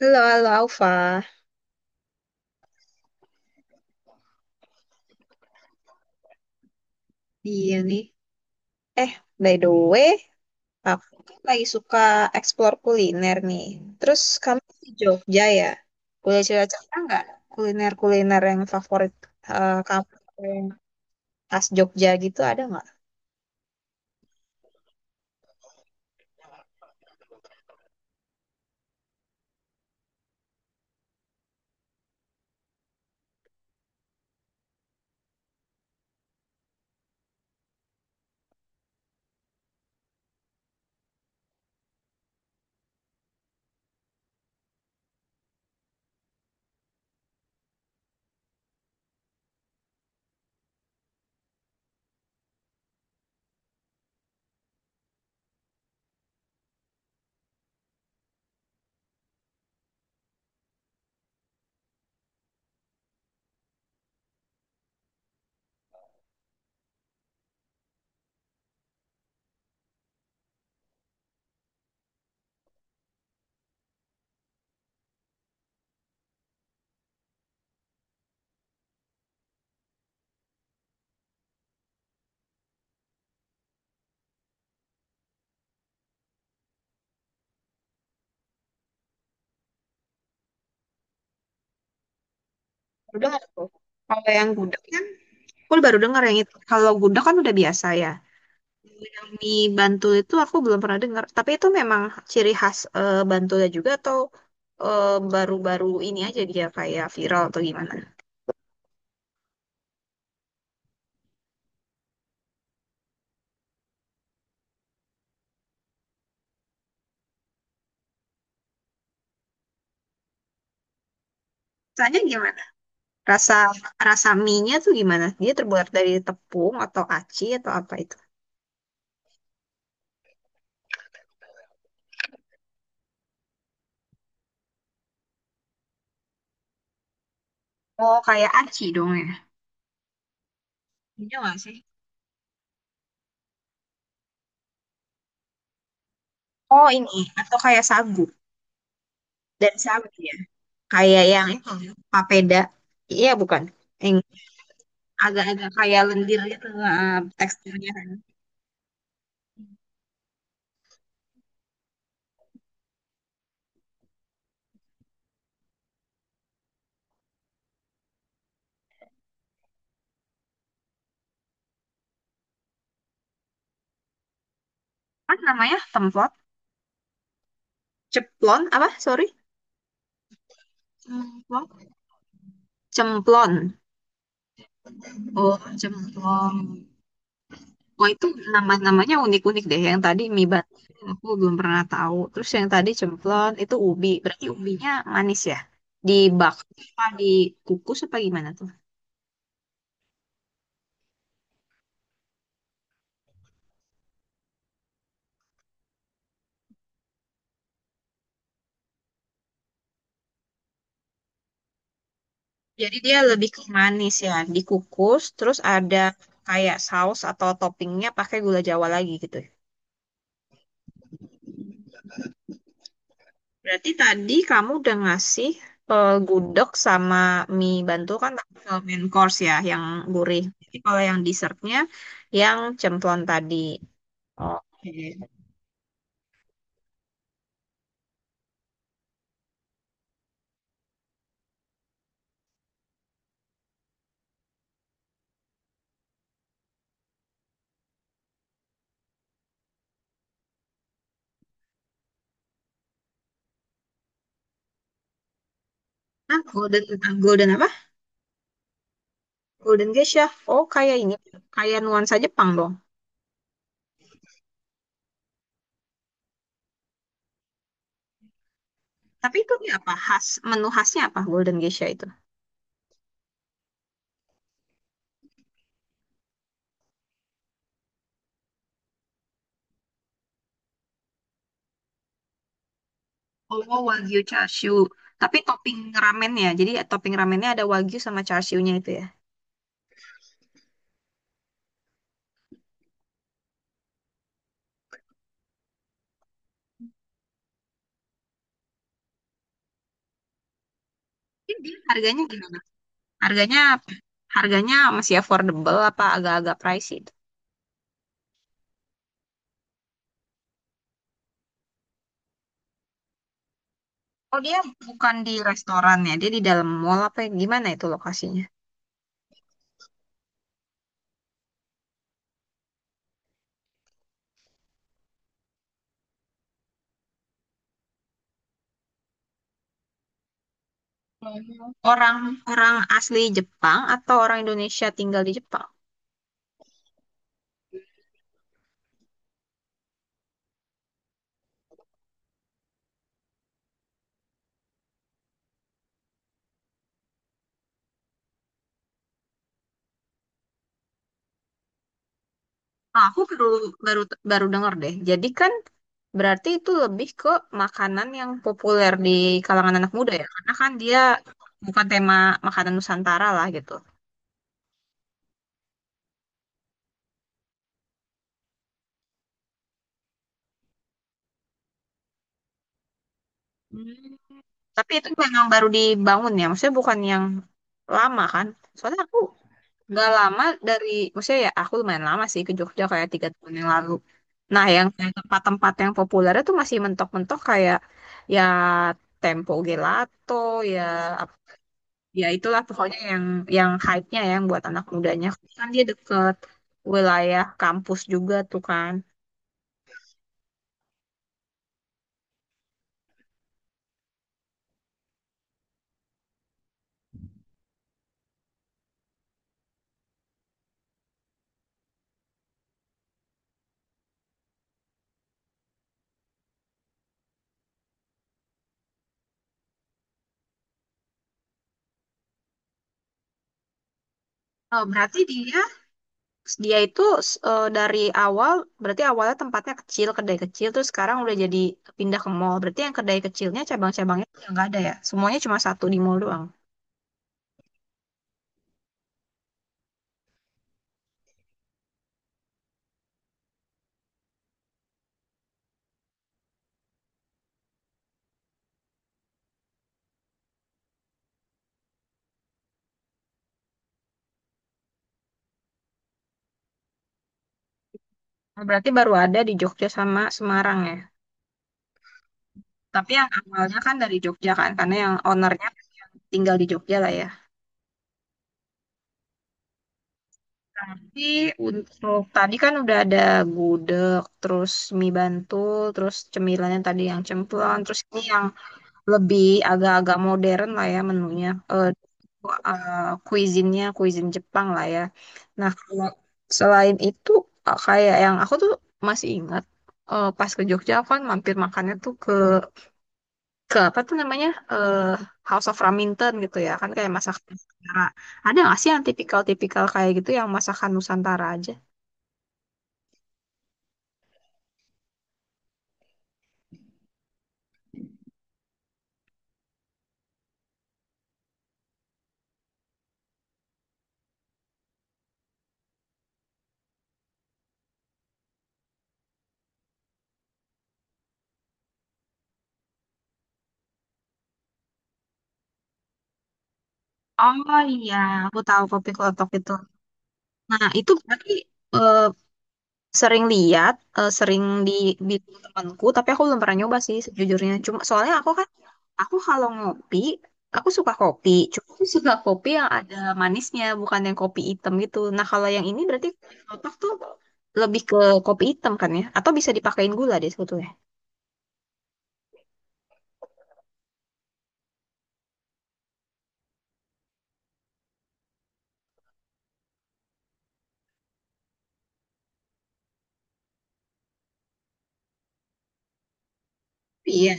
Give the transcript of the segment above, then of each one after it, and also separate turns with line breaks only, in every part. Halo, halo Alfa. Iya nih. Eh, By the way, aku kan lagi suka explore kuliner nih. Terus kamu di Jogja ya? Boleh cerita-cerita nggak kuliner-kuliner yang favorit kamu yang khas Jogja gitu ada nggak? Baru dengar tuh. Kalau yang gudeg kan, aku baru dengar yang itu. Kalau gudeg kan udah biasa ya. Yang mie Bantul itu aku belum pernah dengar. Tapi itu memang ciri khas Bantulnya juga atau eh, baru-baru ini aja dia kayak viral atau gimana? Rasanya gimana? Rasa rasa mie-nya tuh gimana? Dia terbuat dari tepung atau aci atau apa itu? Oh, kayak aci dong ya. Ini nggak sih? Oh, ini atau kayak sagu. Dari sagu ya. Kayak yang itu papeda. Iya, bukan. Yang agak-agak kayak lendir gitu teksturnya. Apa namanya? Templon? Ceplon apa? Sorry. Cemplon. Cemplon. Oh, cemplon. Wah itu nama-namanya unik-unik deh. Yang tadi mie batu aku belum pernah tahu. Terus yang tadi cemplon itu ubi. Berarti ubinya manis ya? Dibak apa dikukus apa gimana tuh? Jadi dia lebih ke manis ya. Dikukus terus ada kayak saus atau toppingnya pakai gula Jawa lagi gitu ya. Berarti tadi kamu udah ngasih gudeg sama mie bantu kan tapi ke main course ya yang gurih. Jadi kalau yang dessertnya yang cemplon tadi. Oke. Nah, Golden, ah, Golden apa? Golden Geisha. Oh, kayak ini. Kayak nuansa Jepang dong. Tapi itu dia apa? Khas, menu khasnya apa Golden Geisha itu? Oh, Wagyu Chashu. Tapi topping ramennya. Jadi topping ramennya ada Wagyu sama Chashu-nya itu ya. Harganya gimana? Harganya harganya masih affordable apa agak-agak pricey itu? Oh, dia bukan di restoran ya. Dia di dalam mall apa ya? Gimana itu lokasinya? Orang orang asli Jepang atau orang Indonesia tinggal di Jepang? Ah, aku perlu baru baru dengar deh. Jadi kan berarti itu lebih ke makanan yang populer di kalangan anak muda ya. Karena kan dia bukan tema makanan Nusantara lah gitu. Hmm. Tapi itu memang baru dibangun ya. Maksudnya bukan yang lama kan. Soalnya aku nggak lama dari, maksudnya ya aku lumayan lama sih ke Jogja kayak 3 tahun yang lalu. Nah, yang kayak tempat-tempat yang populer itu masih mentok-mentok kayak ya Tempo Gelato, ya ya itulah pokoknya yang hype-nya ya, yang buat anak mudanya. Kan dia deket wilayah kampus juga tuh kan. Oh, berarti dia dia itu dari awal berarti awalnya tempatnya kecil kedai kecil terus sekarang udah jadi pindah ke mall. Berarti yang kedai kecilnya cabang-cabangnya udah nggak ada ya? Semuanya cuma satu di mall doang. Nah, berarti baru ada di Jogja sama Semarang ya. Tapi yang awalnya kan dari Jogja kan karena yang ownernya tinggal di Jogja lah ya. Tapi untuk tadi kan udah ada gudeg, terus mie bantul, terus cemilannya tadi yang cemplon, terus ini yang lebih agak-agak modern lah ya menunya. Eh, cuisine-nya cuisine Jepang lah ya. Nah, kalau selain itu kayak yang aku tuh masih ingat pas ke Jogja aku kan mampir makannya tuh ke apa tuh namanya? House of Raminten gitu ya. Kan kayak masakan Nusantara. Ada nggak sih yang tipikal-tipikal kayak gitu yang masakan Nusantara aja? Oh iya, aku tahu kopi klotok itu. Nah, itu berarti eh, sering lihat, eh, sering dibikin temanku, tapi aku belum pernah nyoba sih sejujurnya. Cuma soalnya aku kan, aku kalau ngopi, aku suka kopi. Cuma aku suka kopi yang ada manisnya, bukan yang kopi hitam gitu. Nah, kalau yang ini berarti kopi klotok tuh lebih ke kopi hitam kan ya? Atau bisa dipakein gula deh sebetulnya. Iya.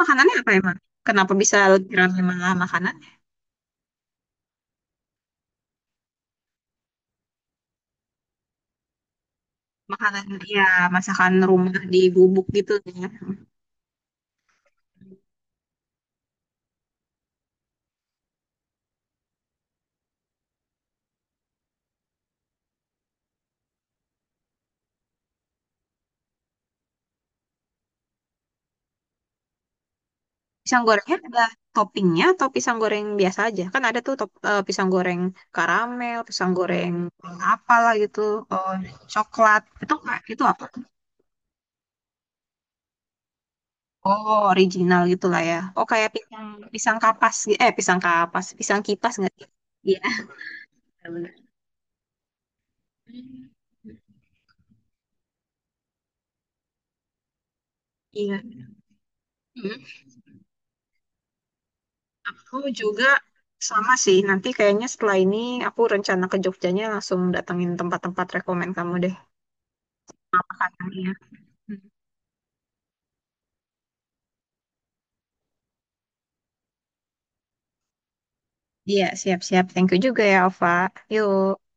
Makanannya apa emang? Kenapa bisa lebih ramai malah makanan? Makanan ya masakan rumah di gubuk gitu ya. Pisang gorengnya ada toppingnya atau pisang goreng biasa aja? Kan ada tuh top, eh, pisang goreng karamel, pisang goreng apalah gitu, eh, coklat. Itu ka- itu apa? Oh, original gitu lah ya. Oh, kayak pisang pisang kapas, gi- eh pisang kapas, pisang kipas nggak sih? Iya, benar. Iya. Mm. Aku juga sama sih. Nanti kayaknya setelah ini aku rencana ke Jogjanya langsung datengin tempat-tempat rekomen kamu deh. Makanannya. Hmm. Iya, siap-siap. Thank you juga ya, Ova. Yuk.